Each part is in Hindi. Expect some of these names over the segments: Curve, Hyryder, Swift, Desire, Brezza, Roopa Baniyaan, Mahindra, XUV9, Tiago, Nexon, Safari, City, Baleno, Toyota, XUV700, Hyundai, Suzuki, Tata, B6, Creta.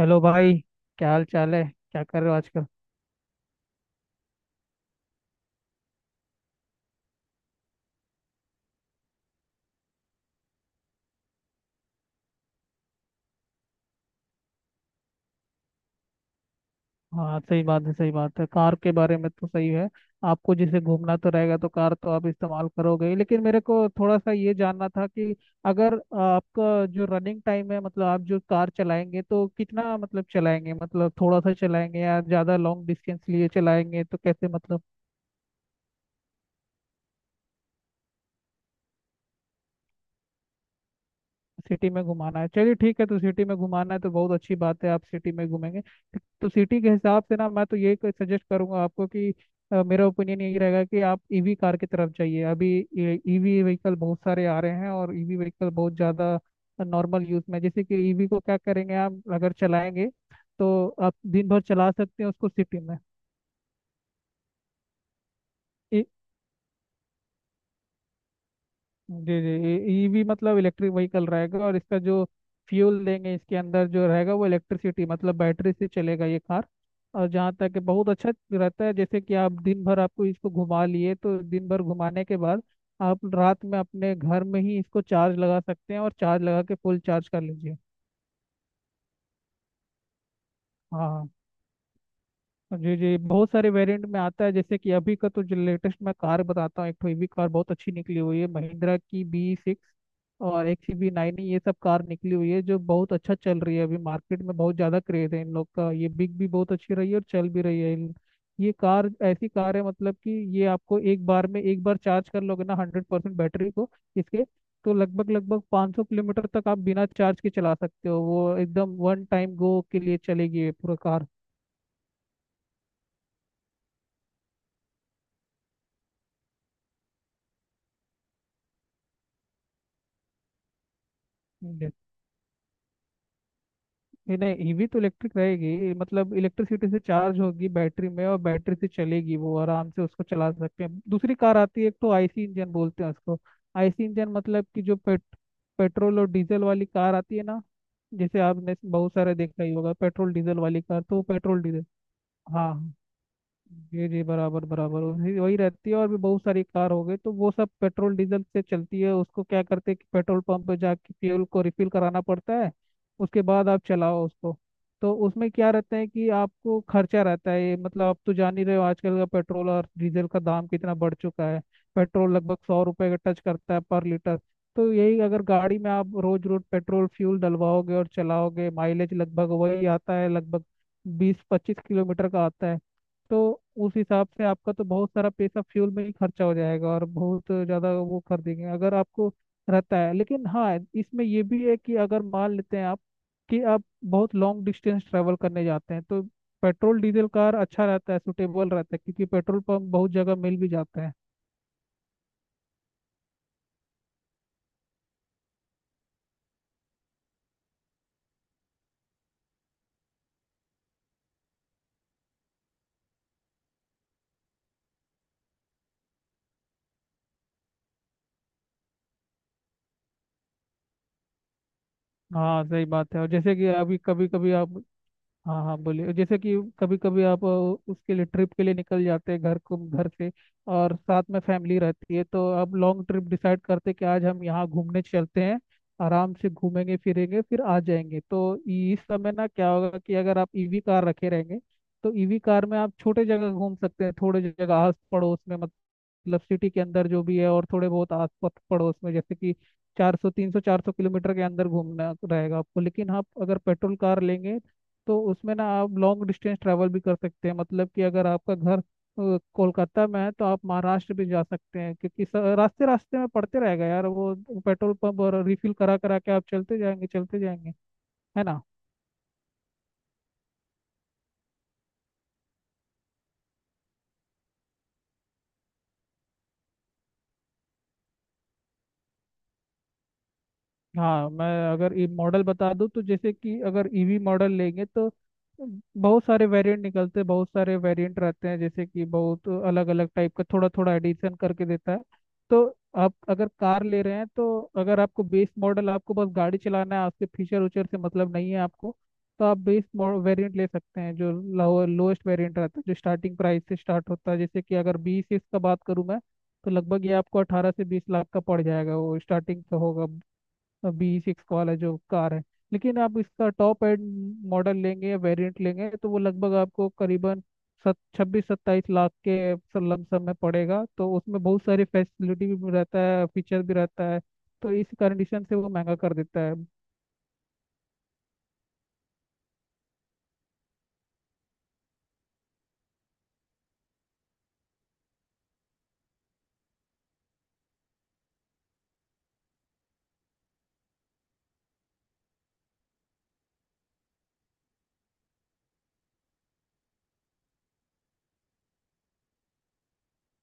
हेलो भाई। क्या हाल चाल है? क्या कर रहे हो आजकल? हाँ, सही बात है, सही बात है। कार के बारे में तो सही है। आपको जैसे घूमना तो रहेगा तो कार तो आप इस्तेमाल करोगे ही। लेकिन मेरे को थोड़ा सा ये जानना था कि अगर आपका जो रनिंग टाइम है मतलब आप जो कार चलाएंगे तो कितना मतलब चलाएंगे, मतलब थोड़ा सा चलाएंगे या ज़्यादा लॉन्ग डिस्टेंस लिए चलाएंगे तो कैसे मतलब। सिटी में घुमाना है, चलिए ठीक है। तो सिटी में घुमाना है तो बहुत अच्छी बात है, आप सिटी में घूमेंगे। तो सिटी के हिसाब से ना मैं तो ये सजेस्ट करूंगा आपको कि मेरा ओपिनियन यही रहेगा कि आप ईवी कार की तरफ जाइए अभी। ईवी व्हीकल बहुत सारे आ रहे हैं और ईवी व्हीकल बहुत ज़्यादा नॉर्मल यूज़ में। जैसे कि ईवी को क्या करेंगे आप अगर चलाएंगे तो आप दिन भर चला सकते हैं उसको सिटी में। जी जी, ये भी मतलब इलेक्ट्रिक व्हीकल रहेगा और इसका जो फ्यूल देंगे इसके अंदर जो रहेगा वो इलेक्ट्रिसिटी, मतलब बैटरी से चलेगा ये कार। और जहाँ तक कि बहुत अच्छा रहता है, जैसे कि आप दिन भर आपको इसको घुमा लिए तो दिन भर घुमाने के बाद आप रात में अपने घर में ही इसको चार्ज लगा सकते हैं और चार्ज लगा के फुल चार्ज कर लीजिए। हाँ हाँ। जी जी, बहुत सारे वेरिएंट में आता है। जैसे कि अभी का तो जो लेटेस्ट मैं कार बताता हूँ, एक तो ईवी कार बहुत अच्छी निकली हुई है महिंद्रा की B6 और एक CB9। ये सब कार निकली हुई है जो बहुत अच्छा चल रही है अभी मार्केट में, बहुत ज़्यादा क्रेज है इन लोग का, ये बिक भी बहुत अच्छी रही है और चल भी रही है। ये कार ऐसी कार है मतलब कि ये आपको एक बार में, एक बार चार्ज कर लोगे ना 100% बैटरी को इसके, तो लगभग लगभग 500 किलोमीटर तक आप बिना चार्ज के चला सकते हो, वो एकदम वन टाइम गो के लिए चलेगी ये पूरा कार। नहीं नहीं, ईवी तो इलेक्ट्रिक रहेगी, मतलब इलेक्ट्रिसिटी से चार्ज होगी बैटरी में और बैटरी से चलेगी, वो आराम से उसको चला सकते हैं। दूसरी कार आती है, एक तो IC इंजन बोलते हैं उसको। आईसी इंजन मतलब कि जो पेट्रोल और डीजल वाली कार आती है ना। जैसे आपने बहुत सारे देखा ही होगा पेट्रोल डीजल वाली कार, तो पेट्रोल डीजल। हाँ जी जी, बराबर बराबर, वही वही रहती है, और भी बहुत सारी कार हो गई। तो वो सब पेट्रोल डीजल से चलती है, उसको क्या करते हैं कि पेट्रोल पंप पे जाके फ्यूल को रिफिल कराना पड़ता है, उसके बाद आप चलाओ उसको। तो उसमें क्या रहता है कि आपको खर्चा रहता है ये, मतलब आप तो जान ही रहे हो आजकल का पेट्रोल और डीजल का दाम कितना बढ़ चुका है। पेट्रोल लगभग 100 रुपये का टच करता है पर लीटर। तो यही अगर गाड़ी में आप रोज रोज पेट्रोल फ्यूल डलवाओगे और चलाओगे, माइलेज लगभग वही आता है, लगभग 20-25 किलोमीटर का आता है। तो उस हिसाब से आपका तो बहुत सारा पैसा फ्यूल में ही खर्चा हो जाएगा और बहुत ज़्यादा वो कर देंगे अगर आपको रहता है। लेकिन हाँ, इसमें ये भी है कि अगर मान लेते हैं आप कि आप बहुत लॉन्ग डिस्टेंस ट्रैवल करने जाते हैं तो पेट्रोल डीजल कार अच्छा रहता है, सुटेबल रहता है क्योंकि पेट्रोल पंप बहुत जगह मिल भी जाता है। हाँ सही बात है। और जैसे कि अभी कभी कभी आप, हाँ हाँ बोलिए, जैसे कि कभी कभी आप उसके लिए ट्रिप के लिए निकल जाते हैं घर को, घर से, और साथ में फैमिली रहती है तो आप लॉन्ग ट्रिप डिसाइड करते हैं कि आज हम यहाँ घूमने चलते हैं, आराम से घूमेंगे फिरेंगे फिर आ जाएंगे। तो इस समय ना क्या होगा कि अगर आप ईवी कार रखे रहेंगे तो ईवी कार में आप छोटे जगह घूम सकते हैं, थोड़े जगह आस पड़ोस में, मतलब सिटी के अंदर जो भी है, और थोड़े बहुत आस पड़ोस में, जैसे कि 400 300 400 किलोमीटर के अंदर घूमना रहेगा आपको। लेकिन आप अगर पेट्रोल कार लेंगे तो उसमें ना आप लॉन्ग डिस्टेंस ट्रैवल भी कर सकते हैं, मतलब कि अगर आपका घर कोलकाता में है तो आप महाराष्ट्र भी जा सकते हैं, क्योंकि रास्ते रास्ते में पड़ते रहेगा यार वो पेट्रोल पंप, और रिफिल करा करा के आप चलते जाएंगे चलते जाएंगे। है ना? हाँ, मैं अगर ई मॉडल बता दूं तो जैसे कि अगर ईवी मॉडल लेंगे तो बहुत सारे वेरिएंट निकलते हैं, बहुत सारे वेरिएंट रहते हैं। जैसे कि बहुत अलग अलग टाइप का थोड़ा थोड़ा एडिशन करके देता है। तो आप अगर कार ले रहे हैं तो अगर आपको बेस मॉडल, आपको बस गाड़ी चलाना है उसके फीचर उचर से मतलब नहीं है आपको, तो आप बेस वेरिएंट ले सकते हैं, जो लोएस्ट वेरिएंट रहता है जो स्टार्टिंग प्राइस से स्टार्ट होता है। जैसे कि अगर बीस इसका बात करूं मैं तो लगभग ये आपको 18 से 20 लाख का पड़ जाएगा, वो स्टार्टिंग का होगा, बी सिक्स वाला जो कार है। लेकिन आप इसका टॉप एंड मॉडल लेंगे या वेरिएंट लेंगे तो वो लगभग आपको करीबन सत 26-27 लाख के लमसम में पड़ेगा। तो उसमें बहुत सारी फैसिलिटी भी रहता है, फीचर भी रहता है, तो इस कंडीशन से वो महंगा कर देता है।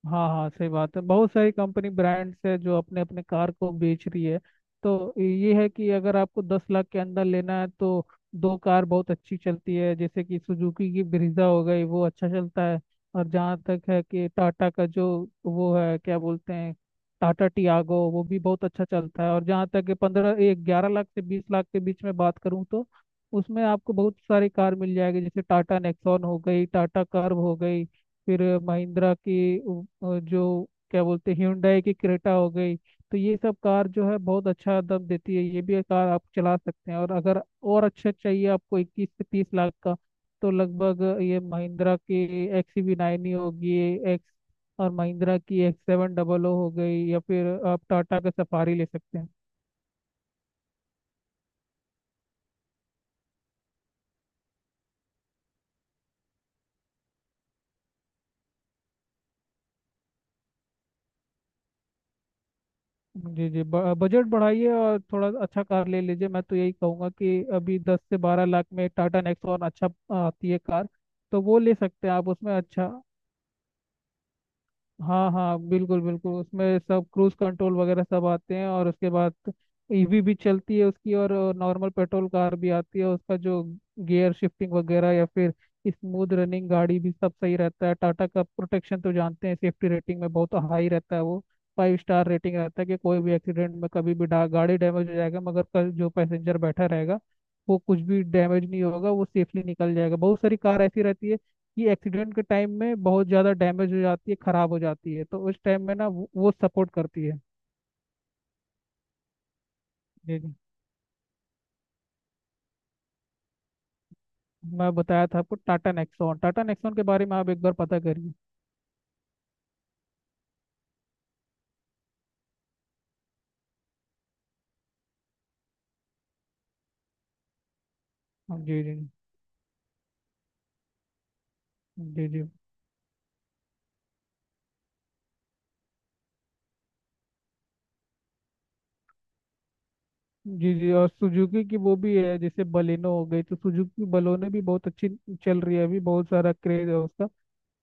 हाँ हाँ सही बात है, बहुत सारी कंपनी ब्रांड्स है जो अपने अपने कार को बेच रही है। तो ये है कि अगर आपको 10 लाख के अंदर लेना है तो दो कार बहुत अच्छी चलती है, जैसे कि सुजुकी की ब्रीजा हो गई, वो अच्छा चलता है। और जहाँ तक है कि टाटा का जो वो है, क्या बोलते हैं, टाटा टियागो, वो भी बहुत अच्छा चलता है। और जहाँ तक कि पंद्रह एक 11 लाख से 20 लाख के बीच में बात करूँ तो उसमें आपको बहुत सारी कार मिल जाएगी, जैसे टाटा नेक्सॉन हो गई, टाटा कर्व हो गई, फिर महिंद्रा की जो क्या बोलते हैं, ह्यूंडई की क्रेटा हो गई। तो ये सब कार जो है बहुत अच्छा दम देती है, ये भी एक कार आप चला सकते हैं। और अगर और अच्छा चाहिए आपको, 21 से 30 लाख का, तो लगभग ये महिंद्रा की XV9 ही होगी, एक्स, और महिंद्रा की XUV700 हो गई, या फिर आप टाटा का सफारी ले सकते हैं। जी जी, बजट बढ़ाइए और थोड़ा अच्छा कार ले लीजिए। मैं तो यही कहूँगा कि अभी 10 से 12 लाख में टाटा नेक्सॉन अच्छा आती है कार, तो वो ले सकते हैं आप, उसमें अच्छा। हाँ हाँ बिल्कुल बिल्कुल, उसमें सब क्रूज कंट्रोल वगैरह सब आते हैं, और उसके बाद ईवी भी चलती है उसकी, और नॉर्मल पेट्रोल कार भी आती है। उसका जो गियर शिफ्टिंग वगैरह, या फिर स्मूथ रनिंग गाड़ी, भी सब सही रहता है। टाटा का प्रोटेक्शन तो जानते हैं, सेफ्टी रेटिंग में बहुत हाई रहता है वो, 5 स्टार रेटिंग रहता है। कि कोई भी एक्सीडेंट में कभी भी गाड़ी डैमेज हो जाएगा मगर कल जो पैसेंजर बैठा रहेगा वो कुछ भी डैमेज नहीं होगा, वो सेफली निकल जाएगा। बहुत सारी कार ऐसी रहती है कि एक्सीडेंट के टाइम में बहुत ज़्यादा डैमेज हो जाती है, ख़राब हो जाती है, तो उस टाइम में ना वो सपोर्ट करती है। जी जी, मैं बताया था आपको टाटा नेक्सॉन, टाटा नेक्सॉन के बारे में आप एक बार पता करिए। हाँ, जी जी। जी जी, जी जी और सुजुकी की वो भी है जैसे बलेनो हो गई, तो सुजुकी बलोने भी बहुत अच्छी चल रही है अभी, बहुत सारा क्रेज है उसका।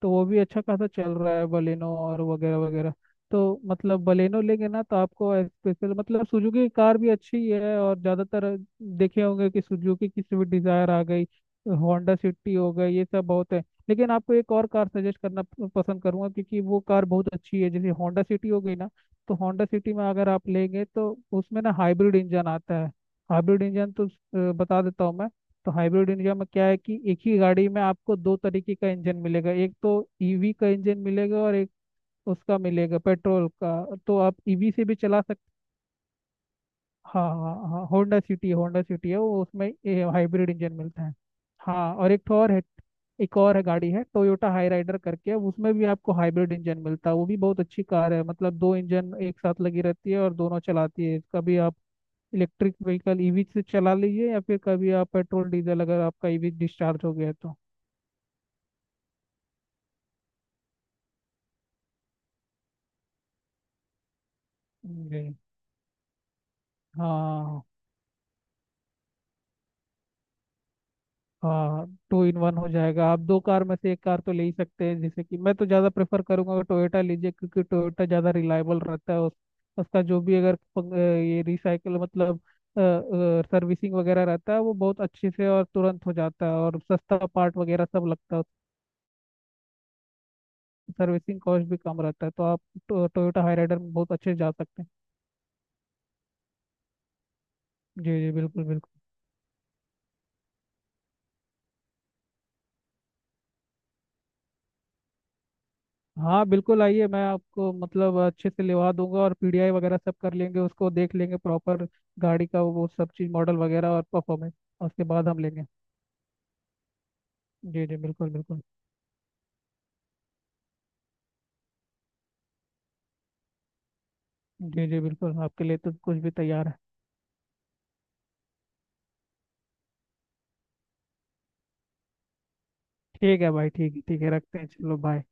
तो वो भी अच्छा खासा चल रहा है बलेनो, और वगैरह वगैरह। तो मतलब बलेनो लेंगे ना तो आपको स्पेशल, मतलब सुजुकी की कार भी अच्छी ही है। और ज़्यादातर देखे होंगे कि सुजुकी की स्विफ्ट डिज़ायर आ गई, होंडा सिटी हो गई, ये सब बहुत है। लेकिन आपको एक और कार सजेस्ट करना पसंद करूंगा क्योंकि वो कार बहुत अच्छी है, जैसे होंडा सिटी हो गई ना। तो होंडा सिटी में अगर आप लेंगे तो उसमें ना हाइब्रिड इंजन आता है। हाइब्रिड इंजन तो बता देता हूँ मैं। तो हाइब्रिड इंडिया में क्या है कि एक ही गाड़ी में आपको दो तरीके का इंजन मिलेगा, एक तो ईवी का इंजन मिलेगा और एक उसका मिलेगा पेट्रोल का। तो आप ईवी से भी चला सकते। हाँ हाँ हाँ, होंडा सिटी, होंडा सिटी है वो, उसमें हाइब्रिड इंजन मिलता है। हाँ, और एक तो और है, एक और है गाड़ी, है टोयोटा हाई राइडर करके, उसमें भी आपको हाइब्रिड इंजन मिलता है, वो भी बहुत अच्छी कार है। मतलब दो इंजन एक साथ लगी रहती है और दोनों चलाती है। कभी आप इलेक्ट्रिक व्हीकल ईवी से चला लीजिए या फिर कभी आप पेट्रोल डीजल, अगर आपका ईवी डिस्चार्ज हो गया है तो। जी, हाँ हाँ 2 in 1 हो जाएगा, आप दो कार में से एक कार तो ले ही सकते हैं। जैसे कि मैं तो ज़्यादा प्रेफर करूंगा टोयोटा लीजिए क्योंकि टोयोटा ज़्यादा रिलायबल रहता है, उसका जो भी, अगर ये रिसाइकल मतलब सर्विसिंग वगैरह रहता है, वो बहुत अच्छे से और तुरंत हो जाता है, और सस्ता पार्ट वगैरह सब लगता है, सर्विसिंग कॉस्ट भी कम रहता है। तो आप टोयोटा हाईराइडर में बहुत अच्छे से जा सकते हैं। जी जी बिल्कुल बिल्कुल। हाँ बिल्कुल आइए, मैं आपको मतलब अच्छे से लिवा दूंगा और PDI वगैरह सब कर लेंगे, उसको देख लेंगे प्रॉपर गाड़ी का वो सब चीज़, मॉडल वगैरह और परफॉर्मेंस, उसके बाद हम लेंगे। जी जी बिल्कुल बिल्कुल। जी जी बिल्कुल, आपके लिए तो कुछ भी तैयार है। ठीक है भाई, ठीक है, ठीक है, रखते हैं, चलो बाय।